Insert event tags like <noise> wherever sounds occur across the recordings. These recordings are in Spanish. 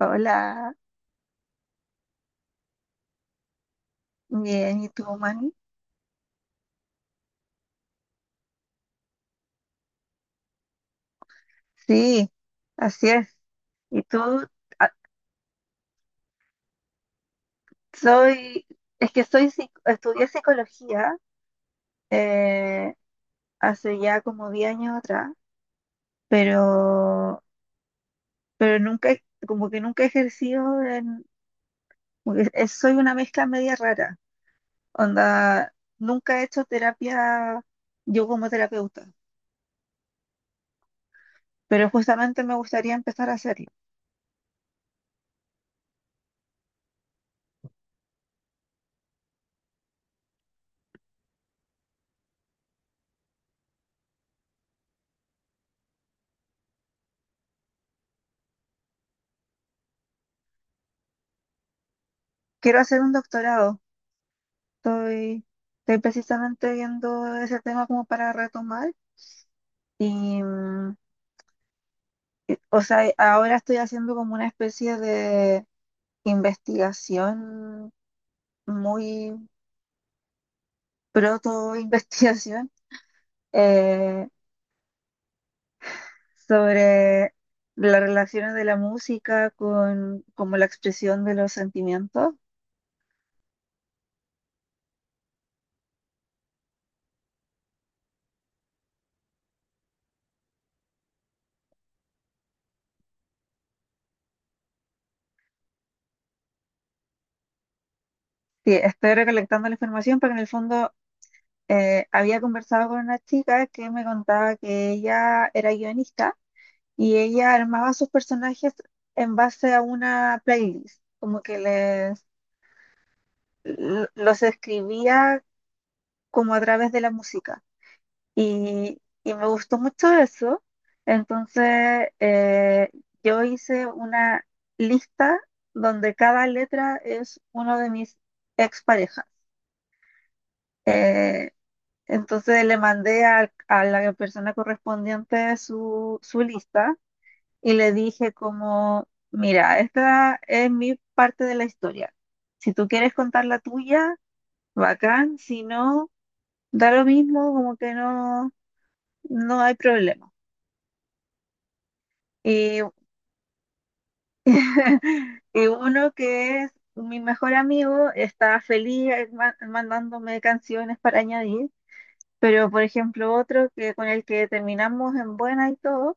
Hola, bien, ¿y tú, Manny? Sí, así es. Y tú, ah, soy, es que soy, estudié psicología eh, hace ya como 10 años atrás, pero, pero nunca, como que nunca he ejercido en, como que soy una mezcla media rara, onda, nunca he hecho terapia yo como terapeuta, pero justamente me gustaría empezar a hacerlo. Quiero hacer un doctorado. Estoy, estoy precisamente viendo ese tema como para retomar y, mm, y o sea, ahora estoy haciendo como una especie de investigación, muy proto-investigación, <laughs> eh, sobre las relaciones de la música con como la expresión de los sentimientos. Sí, estoy recolectando la información porque en el fondo había conversado con una chica que me contaba que ella era guionista. Y ella armaba sus personajes en base a una playlist, como que les los escribía como a través de la música. Y me gustó mucho eso. Entonces yo hice una lista donde cada letra es uno de mis exparejas. Eh, entonces le mandé a la persona correspondiente su lista y le dije como, mira, esta es mi parte de la historia. Si tú quieres contar la tuya, bacán, si no, da lo mismo, como que no, no hay problema. Y, <laughs> y uno que es mi mejor amigo está feliz mandándome canciones para añadir, pero por ejemplo otro que con el que terminamos en buena y todo,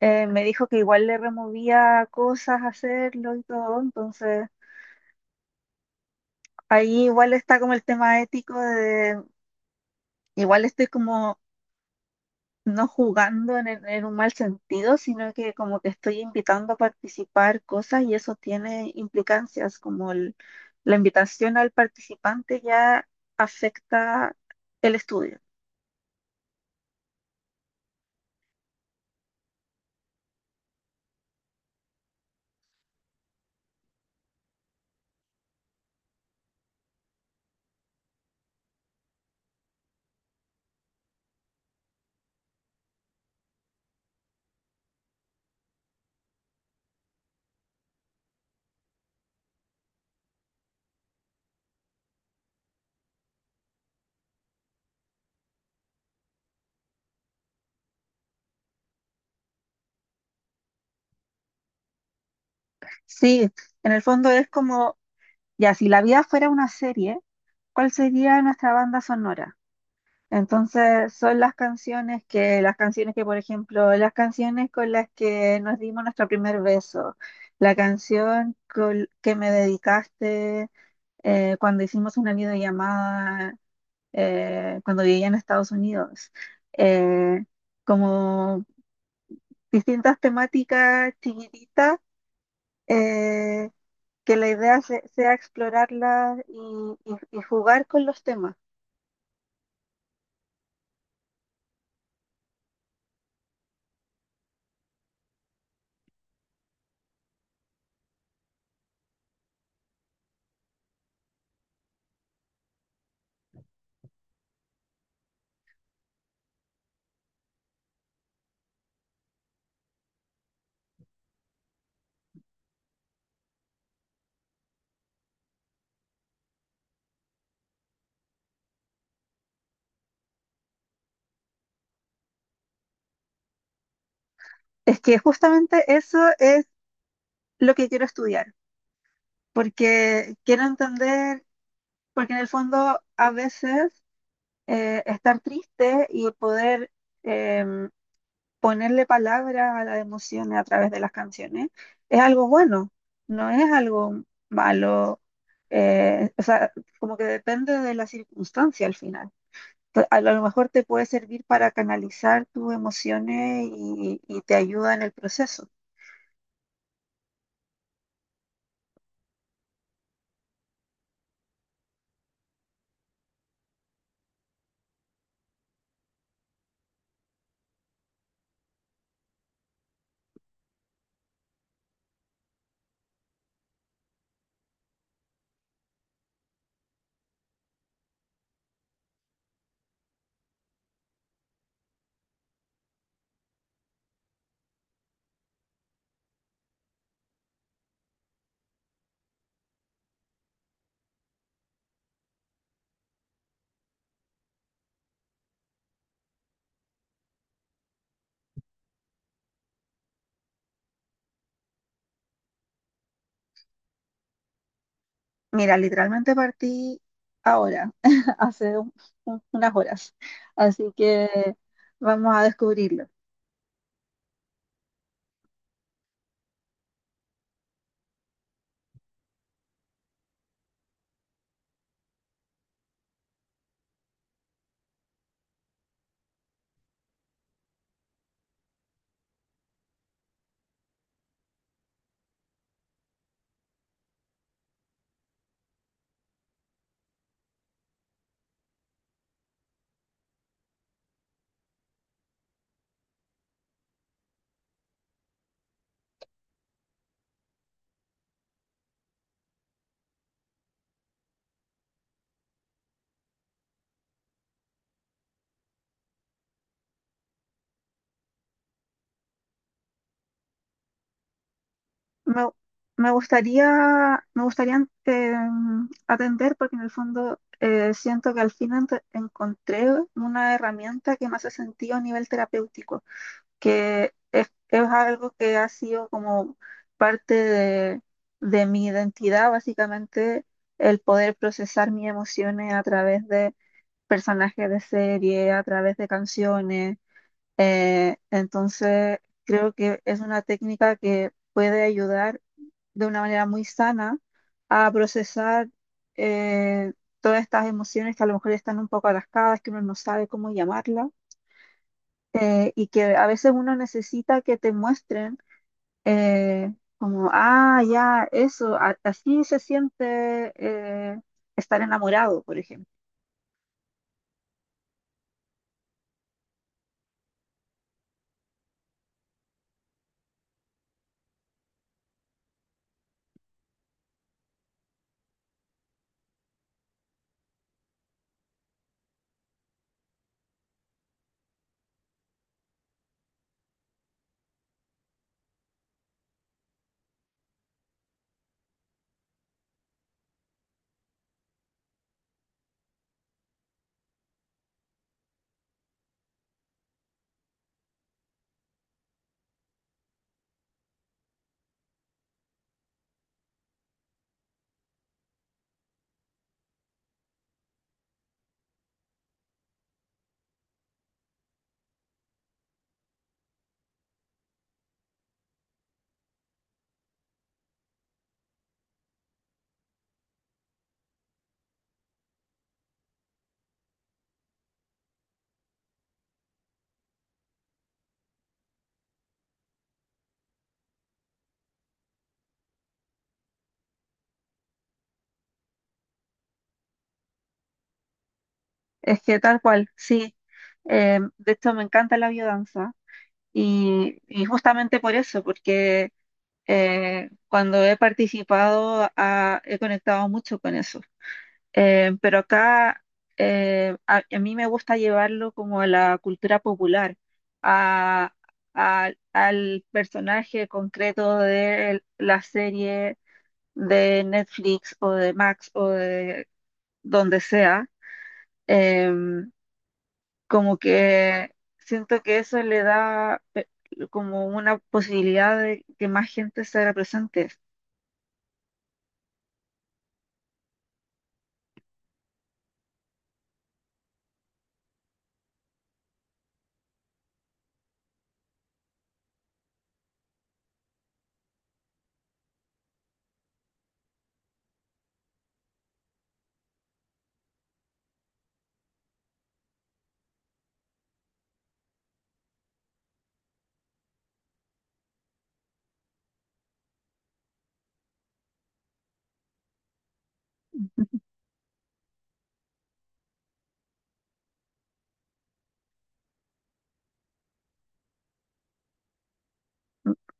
me dijo que igual le removía cosas hacerlo y todo, entonces... Ahí igual está como el tema ético de, igual estoy como no jugando en, en un mal sentido, sino que como que estoy invitando a participar cosas y eso tiene implicancias, como la invitación al participante ya afecta el estudio. Sí, en el fondo es como, ya, si la vida fuera una serie, ¿cuál sería nuestra banda sonora? Entonces son las canciones las canciones que, por ejemplo, las canciones con las que nos dimos nuestro primer beso, la canción que me dedicaste cuando hicimos una videollamada, cuando vivía en Estados Unidos, eh, como distintas temáticas chiquititas, eh, que la idea sea explorarlas y y jugar con los temas. Es que justamente eso es lo que quiero estudiar porque quiero entender, porque en el fondo a veces estar triste y poder em, ponerle palabras a las emociones a través de las canciones es algo bueno, no es algo malo, o sea, como que depende de la circunstancia al final. Entonces, a lo mejor te puede servir para canalizar tus emociones y te ayuda en el proceso. Mira, literalmente partí ahora, <laughs> hace unas horas, así que vamos a descubrirlo. Me, me gustaría atender porque en el fondo siento que al fin encontré una herramienta que me hace sentido a nivel terapéutico, es algo que ha sido como parte de mi identidad, básicamente el poder procesar mis emociones a través de personajes de serie, a través de canciones. Entonces, creo que es una técnica que puede ayudar de una manera muy sana a procesar eh, todas estas emociones que a lo mejor están un poco atascadas, que uno no sabe cómo llamarlas, y que a veces uno necesita que te muestren eh, como, ah, ya, eso, así se siente estar enamorado, por ejemplo. Es que tal cual, sí. De hecho, me encanta la biodanza y justamente por eso, porque cuando he participado ah, he conectado mucho con eso. Pero acá a mí me gusta llevarlo como a la cultura popular, a- al personaje concreto de la serie de Netflix o de Max o de donde sea. em, como que siento que eso le da como una posibilidad de que más gente se haga presente. <laughs>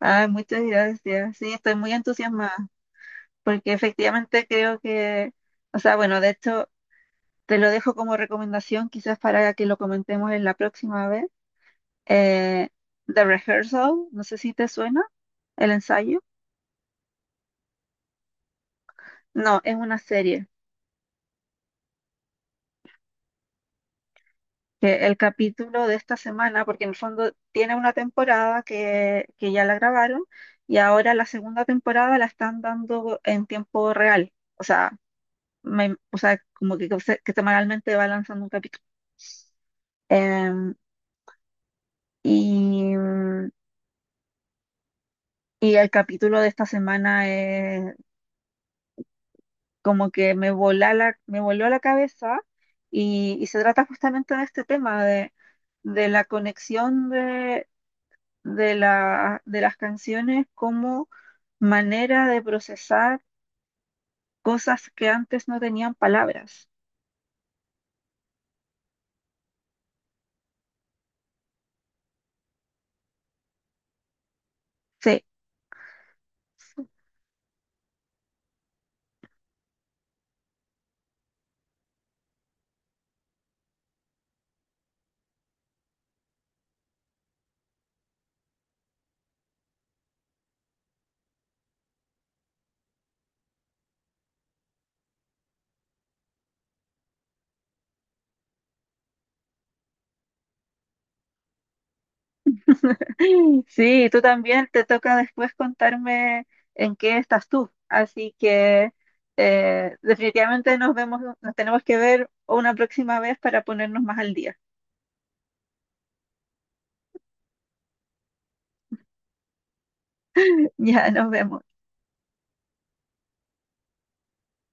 Ay, muchas gracias. Sí, estoy muy entusiasmada porque efectivamente creo que, o sea, bueno, de hecho, te lo dejo como recomendación quizás para que lo comentemos en la próxima vez. Eh, The Rehearsal, no sé si te suena, el ensayo. No, es una serie. Que el capítulo de esta semana, porque en el fondo tiene una temporada que ya la grabaron y ahora la segunda temporada la están dando en tiempo real. O sea, o sea como que, que semanalmente va lanzando un capítulo. Em, y, y el capítulo de esta semana es como que me voló la cabeza y se trata justamente de este tema de la conexión de la, de las canciones como manera de procesar cosas que antes no tenían palabras. Sí, <laughs> sí, tú también te toca después contarme en qué estás tú. Así que definitivamente nos vemos, nos tenemos que ver una próxima vez para ponernos más al día. <laughs> Ya nos vemos.